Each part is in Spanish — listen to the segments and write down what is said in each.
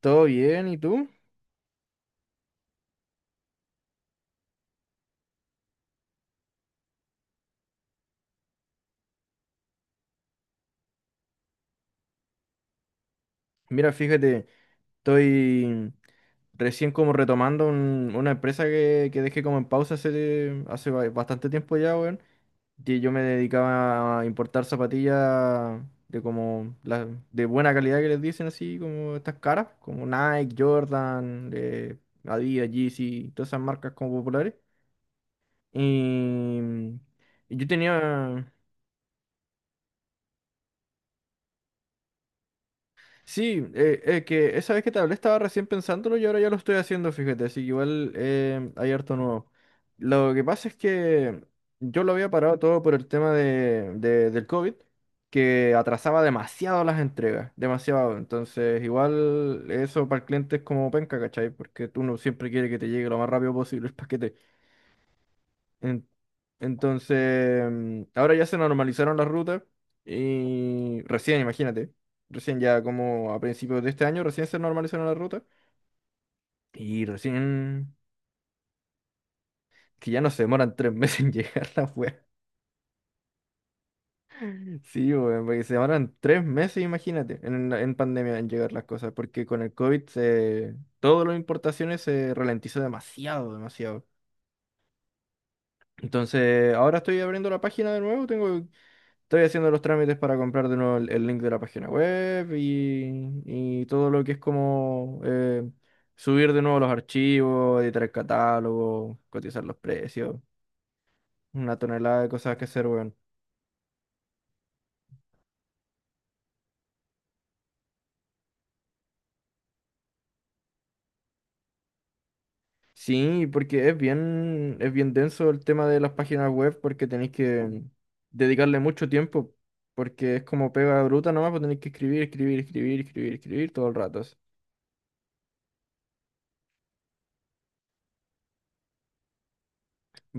¿Todo bien? ¿Y tú? Mira, fíjate, estoy recién como retomando una empresa que dejé como en pausa hace bastante tiempo ya, weón. Que yo me dedicaba a importar zapatillas de como de buena calidad que les dicen así, como estas caras, como Nike, Jordan, Adidas, Yeezy, todas esas marcas como populares. Y yo tenía. Sí, que esa vez que te hablé estaba recién pensándolo y ahora ya lo estoy haciendo, fíjate, así que igual hay harto nuevo. Lo que pasa es que yo lo había parado todo por el tema del COVID, que atrasaba demasiado las entregas, demasiado. Entonces, igual eso para el cliente es como penca, ¿cachai? Porque tú no siempre quieres que te llegue lo más rápido posible el paquete. En- entonces, ahora ya se normalizaron las rutas y recién, imagínate, recién ya como a principios de este año, recién se normalizaron las rutas y recién que ya no se demoran tres meses en llegar la wea. Sí, weón, porque se demoran tres meses, imagínate, en pandemia en llegar las cosas, porque con el COVID se, todas las importaciones se ralentizó demasiado, demasiado. Entonces, ahora estoy abriendo la página de nuevo. Tengo Estoy haciendo los trámites para comprar de nuevo el link de la página web y todo lo que es como subir de nuevo los archivos, editar el catálogo, cotizar los precios, una tonelada de cosas que hacer, weón. Sí, porque es bien denso el tema de las páginas web porque tenéis que dedicarle mucho tiempo, porque es como pega bruta nomás, pues tenéis que escribir, escribir, escribir, escribir, escribir todo el rato.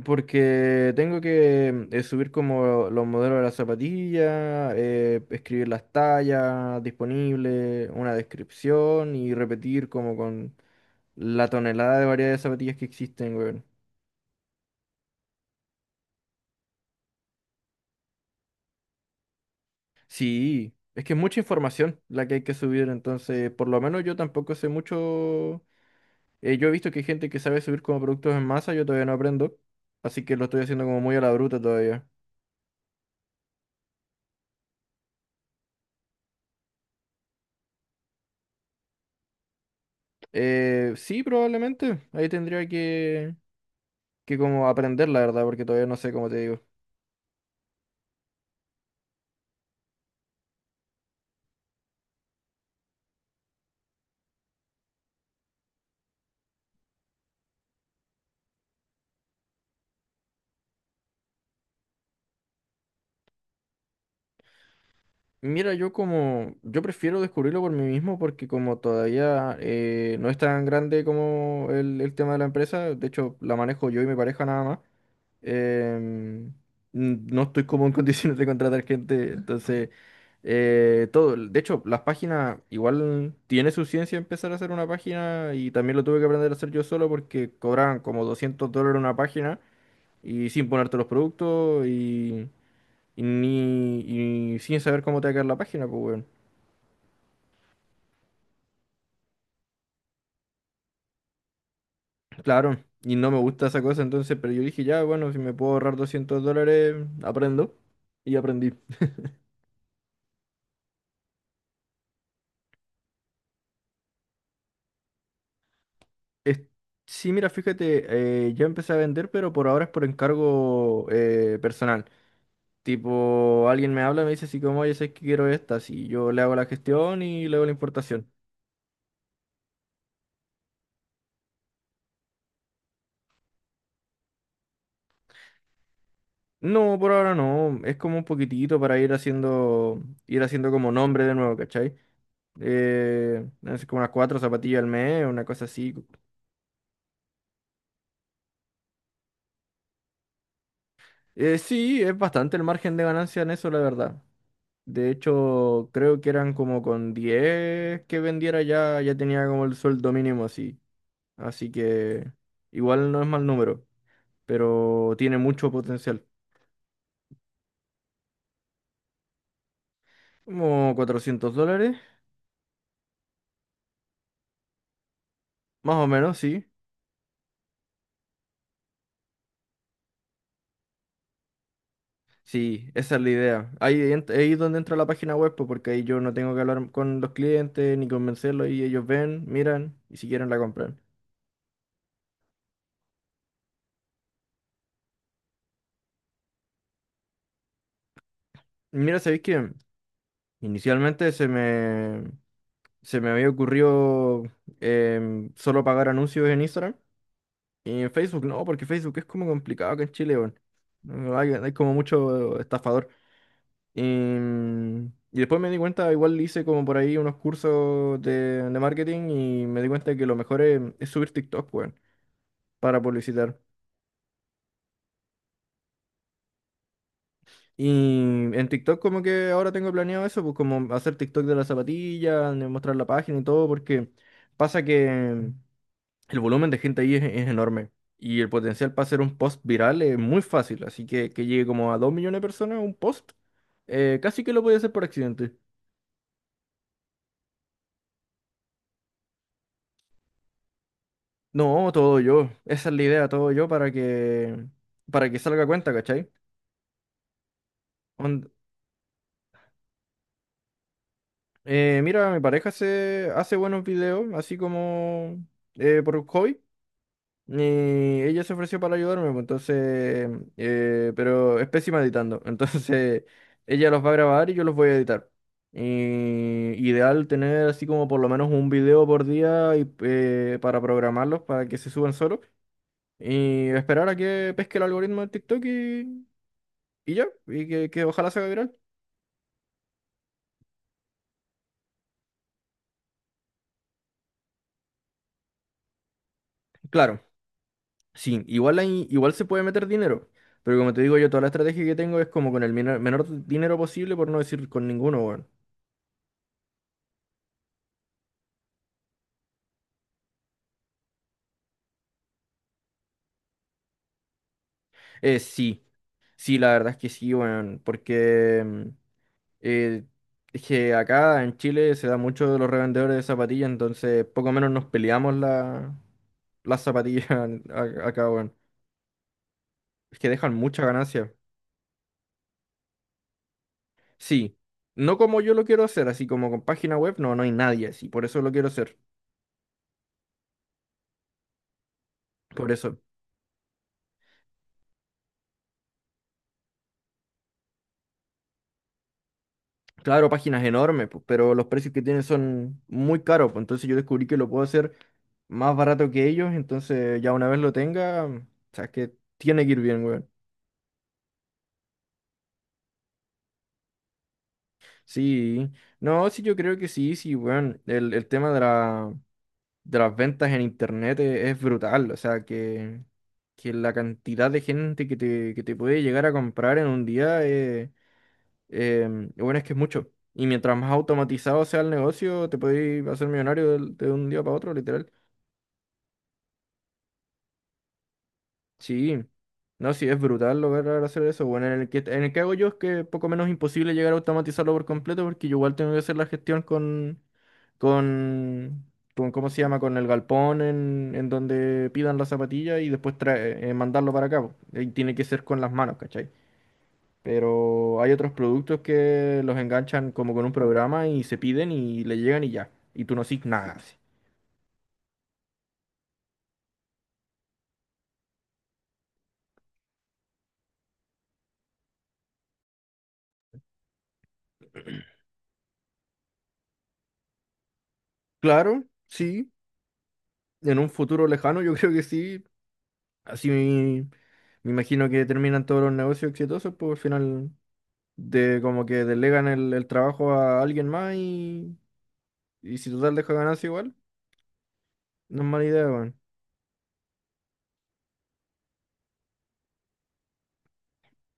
Porque tengo que subir como los modelos de las zapatillas, escribir las tallas disponibles, una descripción y repetir como con la tonelada de variedad de zapatillas que existen, weón. Sí, es que es mucha información la que hay que subir, entonces por lo menos yo tampoco sé mucho. Yo he visto que hay gente que sabe subir como productos en masa, yo todavía no aprendo, así que lo estoy haciendo como muy a la bruta todavía. Sí, probablemente, ahí tendría que como aprender, la verdad, porque todavía no sé cómo te digo. Mira, yo como, yo prefiero descubrirlo por mí mismo porque como todavía no es tan grande como el tema de la empresa, de hecho la manejo yo y mi pareja nada más, em, no estoy como en condiciones de contratar gente, entonces todo, de hecho las páginas igual tiene su ciencia empezar a hacer una página y también lo tuve que aprender a hacer yo solo porque cobraban como $200 una página y sin ponerte los productos. Y, ni, y sin saber cómo te va a quedar la página, pues, weón. Claro, y no me gusta esa cosa, entonces, pero yo dije, ya, bueno, si me puedo ahorrar $200, aprendo. Y aprendí. Es- sí, mira, fíjate, ya empecé a vender, pero por ahora es por encargo personal. Tipo, alguien me habla, me dice así como, oye, sé que quiero estas, y yo le hago la gestión y le hago la importación. No, por ahora no, es como un poquitito para ir haciendo como nombre de nuevo, ¿cachai? No sé, como unas cuatro zapatillas al mes, una cosa así. Sí, es bastante el margen de ganancia en eso, la verdad. De hecho, creo que eran como con 10 que vendiera ya, ya tenía como el sueldo mínimo así. Así que igual no es mal número, pero tiene mucho potencial. Como $400, más o menos, sí. Sí, esa es la idea. Ahí, ahí es donde entra la página web, pues, porque ahí yo no tengo que hablar con los clientes ni convencerlos y ellos ven, miran y si quieren la compran. Mira, sabéis que inicialmente se me había ocurrido solo pagar anuncios en Instagram y en Facebook no, porque Facebook es como complicado acá en Chile, weón. No, hay como mucho estafador. Y, mm, y después me di cuenta, igual hice como por ahí unos cursos de marketing y me di cuenta que lo mejor es subir TikTok, weón, para publicitar. Y en TikTok como que ahora tengo planeado eso, pues como hacer TikTok de las zapatillas, de mostrar la página y todo, porque pasa que el volumen de gente ahí es enorme y el potencial para hacer un post viral es muy fácil, así que llegue como a 2 millones de personas un post, casi que lo podía hacer por accidente. No, todo yo, esa es la idea, todo yo para que salga a cuenta, ¿cachai? Ond- mira, mi pareja hace buenos videos, así como por hobby. Y ella se ofreció para ayudarme, pues, entonces, pero es pésima editando. Entonces, ella los va a grabar y yo los voy a editar. Y ideal tener así como por lo menos un video por día y, para programarlos, para que se suban solos. Y esperar a que pesque el algoritmo de TikTok y ya, y que ojalá se haga viral. Claro, sí, igual, igual se puede meter dinero. Pero como te digo yo, toda la estrategia que tengo es como con el menor dinero posible, por no decir con ninguno, weón. Sí. Sí, la verdad es que sí, weón, porque eh, es que acá en Chile se da mucho de los revendedores de zapatillas, entonces poco menos nos peleamos las zapatillas acá, weón. Es que dejan mucha ganancia. Sí, no como yo lo quiero hacer, así como con página web, no, no hay nadie así, por eso lo quiero hacer, por eso. Claro, páginas enormes, pues. Pero los precios que tienen son muy caros, pues, entonces yo descubrí que lo puedo hacer más barato que ellos, entonces ya una vez lo tenga, o sea, es que tiene que ir bien, weón. Sí, no, sí, yo creo que sí, sí, bueno, el tema de las ventas en internet es, brutal, o sea, que la cantidad de gente que te puede llegar a comprar en un día, bueno, es que es mucho, y mientras más automatizado sea el negocio, te puedes hacer millonario un día para otro, literal. Sí, no, sí, es brutal lograr hacer eso. Bueno, en el que hago yo es que poco menos imposible llegar a automatizarlo por completo porque yo igual tengo que hacer la gestión con, con ¿cómo se llama? Con el galpón en donde pidan la zapatilla y después mandarlo para acá. Po. Y tiene que ser con las manos, ¿cachai? Pero hay otros productos que los enganchan como con un programa y se piden y le llegan y ya. Y tú no haces nada. Así. Claro, sí. En un futuro lejano yo creo que sí. Así me imagino que terminan todos los negocios exitosos, pues al final de como que delegan el trabajo a alguien más y si total deja ganancia igual, no es mala idea, weón.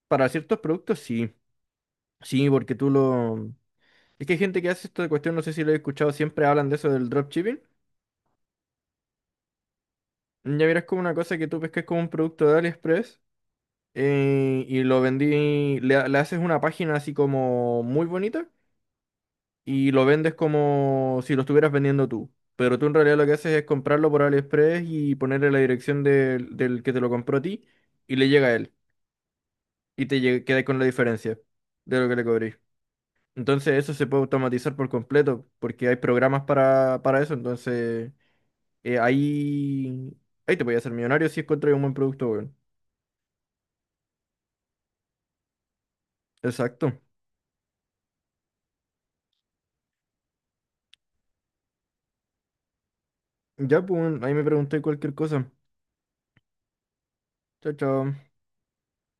Para ciertos productos sí, sí, porque tú lo... Es que hay gente que hace esta cuestión, no sé si lo he escuchado, siempre hablan de eso del dropshipping. Ya verás como una cosa que tú pescas como un producto de AliExpress y lo vendí, le haces una página así como muy bonita, y lo vendes como si lo estuvieras vendiendo tú. Pero tú en realidad lo que haces es comprarlo por AliExpress y ponerle la dirección del que te lo compró a ti y le llega a él. Y te quedas con la diferencia de lo que le cobrís. Entonces eso se puede automatizar por completo porque hay programas para eso. Entonces eh, ahí, ahí te voy a hacer millonario si encuentras un buen producto, weón. Exacto. Ya, pues, weón, ahí me pregunté cualquier cosa. Chao, chao.